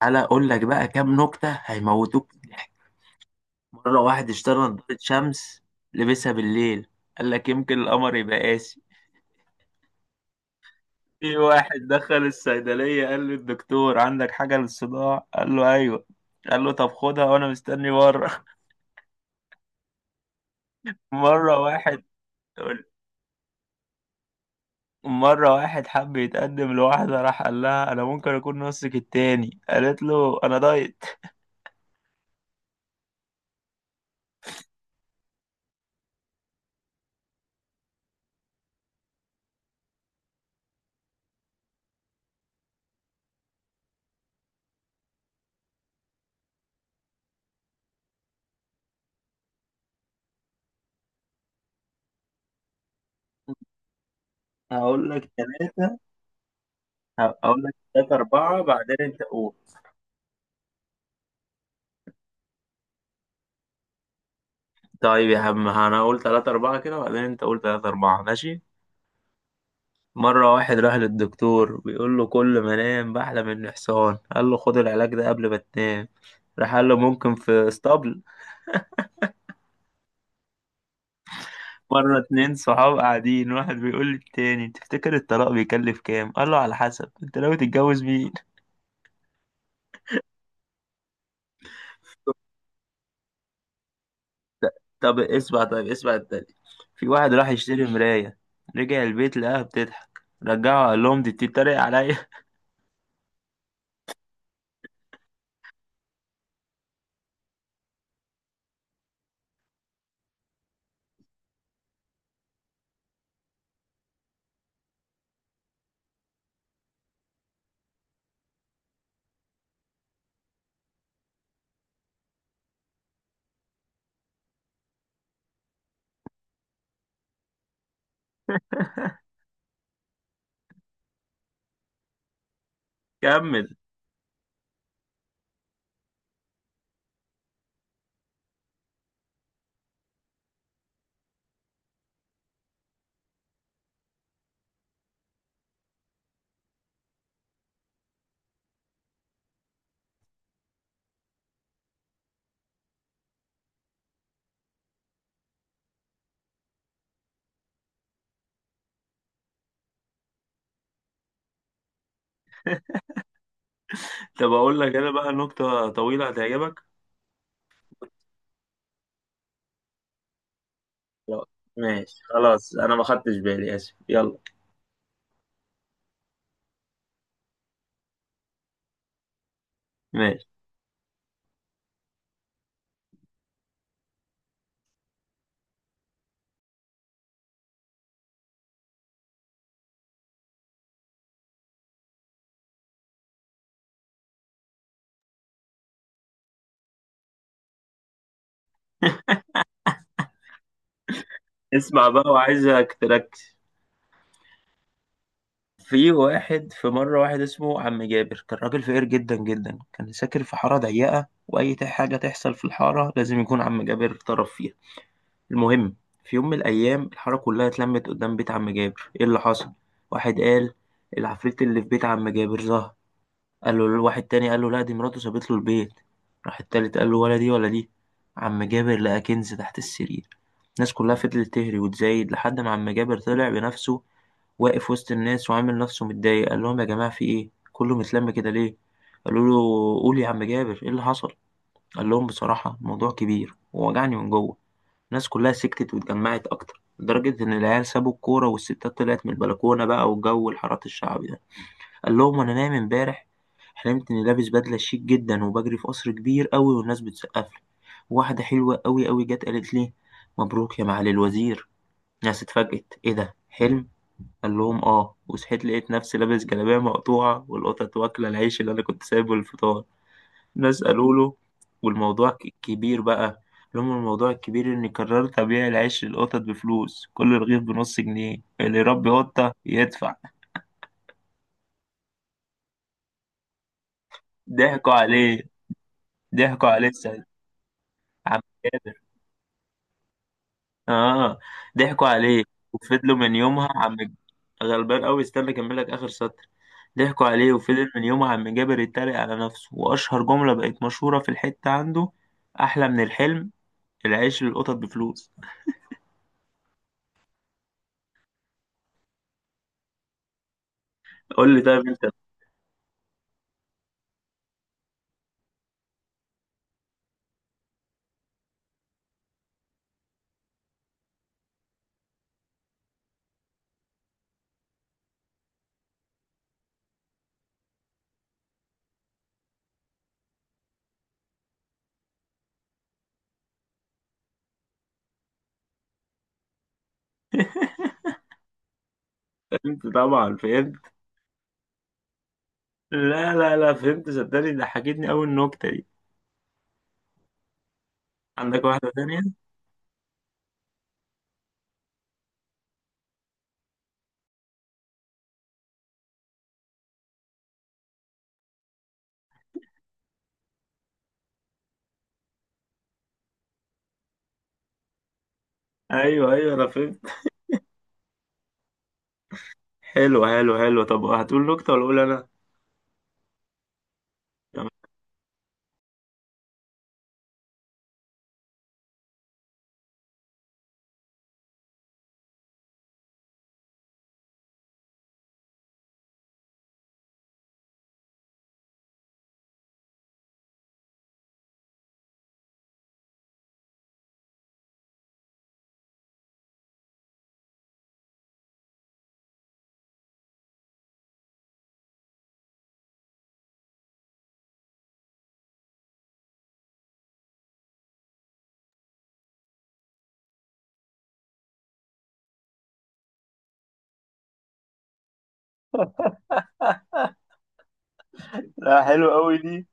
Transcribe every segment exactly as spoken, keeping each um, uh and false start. تعالى اقول لك بقى كام نكته هيموتوك من الضحك. مره واحد اشترى نظاره شمس، لبسها بالليل، قال لك يمكن القمر يبقى قاسي. في واحد دخل الصيدليه، قال له الدكتور عندك حاجه للصداع؟ قال له ايوه. قال له طب خدها وانا مستني بره. مره واحد، مرة واحد حب يتقدم لواحدة، راح قال لها أنا ممكن أكون نصك التاني، قالت له أنا دايت. هقول لك ثلاثة، هقول لك ثلاثة أربعة بعدين أنت قول. طيب يا عم انا اقول تلاتة اربعة كده وبعدين انت قول تلاتة اربعة، ماشي. مرة واحد راح للدكتور، بيقول له كل ما انام بحلم اني حصان، قال له خد العلاج ده قبل ما تنام، راح قال له ممكن في اسطبل؟ مرة اتنين صحاب قاعدين، واحد بيقول للتاني تفتكر الطلاق بيكلف كام؟ قال له على حسب انت ناوي تتجوز مين. طب اسمع، طيب اسمع التاني. في واحد راح يشتري مراية، رجع البيت لقاها بتضحك، رجعه قال لهم دي بتتريق عليا. كمل. طب اقول لك انا بقى نكتة طويلة هتعجبك. خلاص، ماشي خلاص انا ما خدتش بالي، اسف، يلا. ماشي. اسمع بقى وعايزك تركز. في واحد، في مرة واحد اسمه عم جابر، كان راجل فقير جدا جدا، كان ساكن في حارة ضيقة، وأي تح- حاجة تحصل في الحارة لازم يكون عم جابر طرف فيها. المهم، في يوم من الأيام الحارة كلها اتلمت قدام بيت عم جابر. إيه اللي حصل؟ واحد قال العفريت اللي في بيت عم جابر ظهر، قال له الواحد تاني قال له لا دي مراته سابت له البيت، راح التالت قال له ولا دي ولا دي، عم جابر لقى كنز تحت السرير. الناس كلها فضلت تهري وتزايد لحد ما عم جابر طلع بنفسه، واقف وسط الناس وعامل نفسه متضايق، قال لهم يا جماعة في ايه كله متلم كده ليه؟ قالوا له قول يا عم جابر ايه اللي حصل. قال لهم بصراحة الموضوع كبير ووجعني من جوه. الناس كلها سكتت واتجمعت اكتر، لدرجة ان العيال سابوا الكورة والستات طلعت من البلكونة بقى، والجو الحارات الشعبي ده. قال لهم انا نايم امبارح حلمت اني لابس بدله شيك جدا وبجري في قصر كبير قوي والناس بتسقف لي، واحده حلوه قوي قوي جت قالت لي مبروك يا معالي الوزير. الناس اتفاجئت، ايه ده حلم؟ قال لهم اه، وصحيت لقيت نفسي لابس جلابيه مقطوعه والقطط واكله العيش اللي انا كنت سايبه للفطار. الناس قالوا له والموضوع ك- كبير بقى. قال لهم الموضوع الكبير اني قررت ابيع العيش للقطط بفلوس، كل رغيف بنص جنيه، اللي يربي قطه يدفع. ضحكوا عليه. ضحكوا عليه. عم جابر. اه. ضحكوا عليه وفضلوا من يومها عم. غلبان قوي، استنى اكمل لك اخر سطر. ضحكوا عليه وفضل من يومها عم جابر يتريق على نفسه، واشهر جملة بقت مشهورة في الحتة عنده، احلى من الحلم، العيش للقطط بفلوس. قول لي طيب انت. فهمت، طبعا فهمت. لا لا لا فهمت، صدقني ضحكتني قوي النكتة دي. عندك واحدة تانية؟ ايوه ايوه انا فهمت. حلو حلو حلو، طب هتقول نكتة ولا اقول انا؟ تمام. لا حلو قوي دي.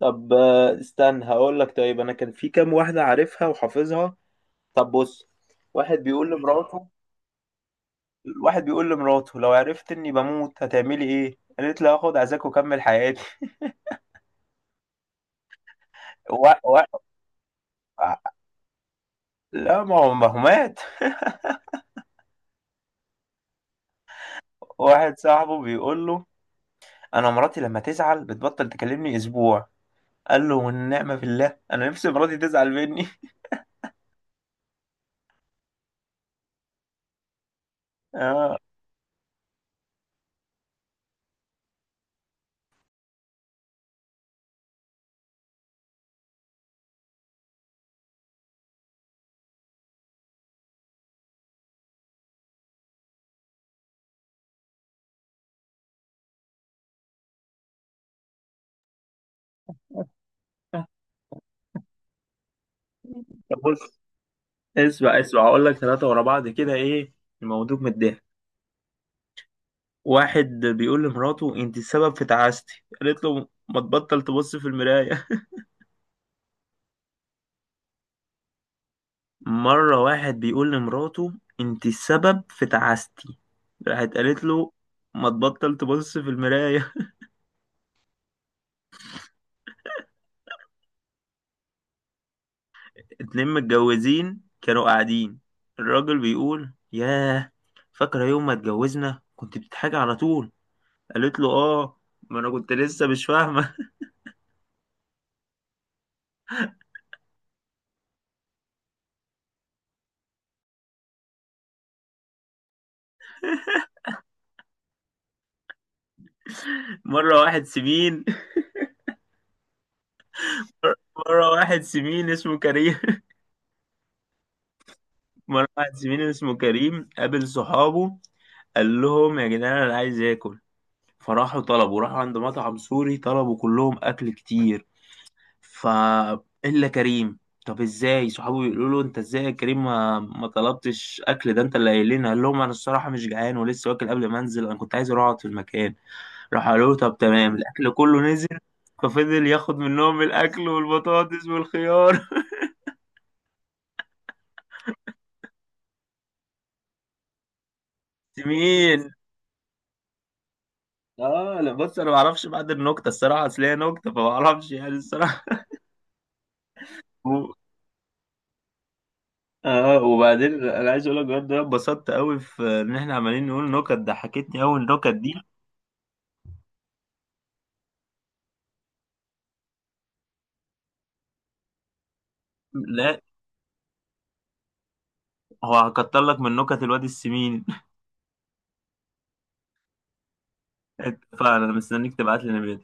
طب آه، استنى، هقول لك، طيب انا كان في كام واحده عارفها وحافظها. طب بص، واحد بيقول لمراته، واحد بيقول لمراته لو عرفت اني بموت هتعملي ايه؟ قالت له هاخد عزاك واكمل حياتي. و... و... لا ما هو، ما هو مات. واحد صاحبه بيقول له انا مراتي لما تزعل بتبطل تكلمني اسبوع، قال له والنعمه بالله، انا نفسي مراتي تزعل مني. اه. طب بص، اسمع اسمع هقول لك ثلاثه ورا بعض كده، ايه الموضوع متضايق. واحد بيقول لمراته انت السبب في تعاستي، قالت له ما تبطل تبص في المراية. مرة واحد بيقول لمراته انت السبب في تعاستي، راحت قالت له ما تبطل تبص في المراية. اتنين متجوزين كانوا قاعدين، الراجل بيقول ياه، فاكرة يوم ما اتجوزنا كنت بتضحكي على طول؟ قالت له اه، ما انا كنت لسه مش فاهمة. مرة واحد سمين، مرة واحد سمين اسمه كريم، مرة واحد زميلي اسمه كريم قابل صحابه، قال لهم يا جدعان أنا عايز آكل، فراحوا طلبوا، راحوا عند مطعم سوري، طلبوا كلهم أكل كتير، ف... إلا كريم. طب إزاي؟ صحابه بيقولوا له أنت إزاي يا كريم ما, ما طلبتش أكل ده أنت اللي قايل لنا؟ قال لهم أنا الصراحة مش جعان ولسه واكل قبل ما أنزل، أنا كنت عايز أروح أقعد في المكان. راح قالوا له طب تمام. الأكل كله نزل، ففضل ياخد منهم الأكل والبطاطس والخيار. مين؟ اه لا بص انا ما اعرفش بعد النكته الصراحه، اصل هي نكته فما اعرفش يعني الصراحه. و... اه وبعدين انا عايز اقول لك بجد أنا اتبسطت قوي في ان احنا عمالين نقول نكت، ضحكتني قوي النكت دي. لا، هو هكتر لك من نكت الواد السمين. فانا مستنيك تبعت لي نبات.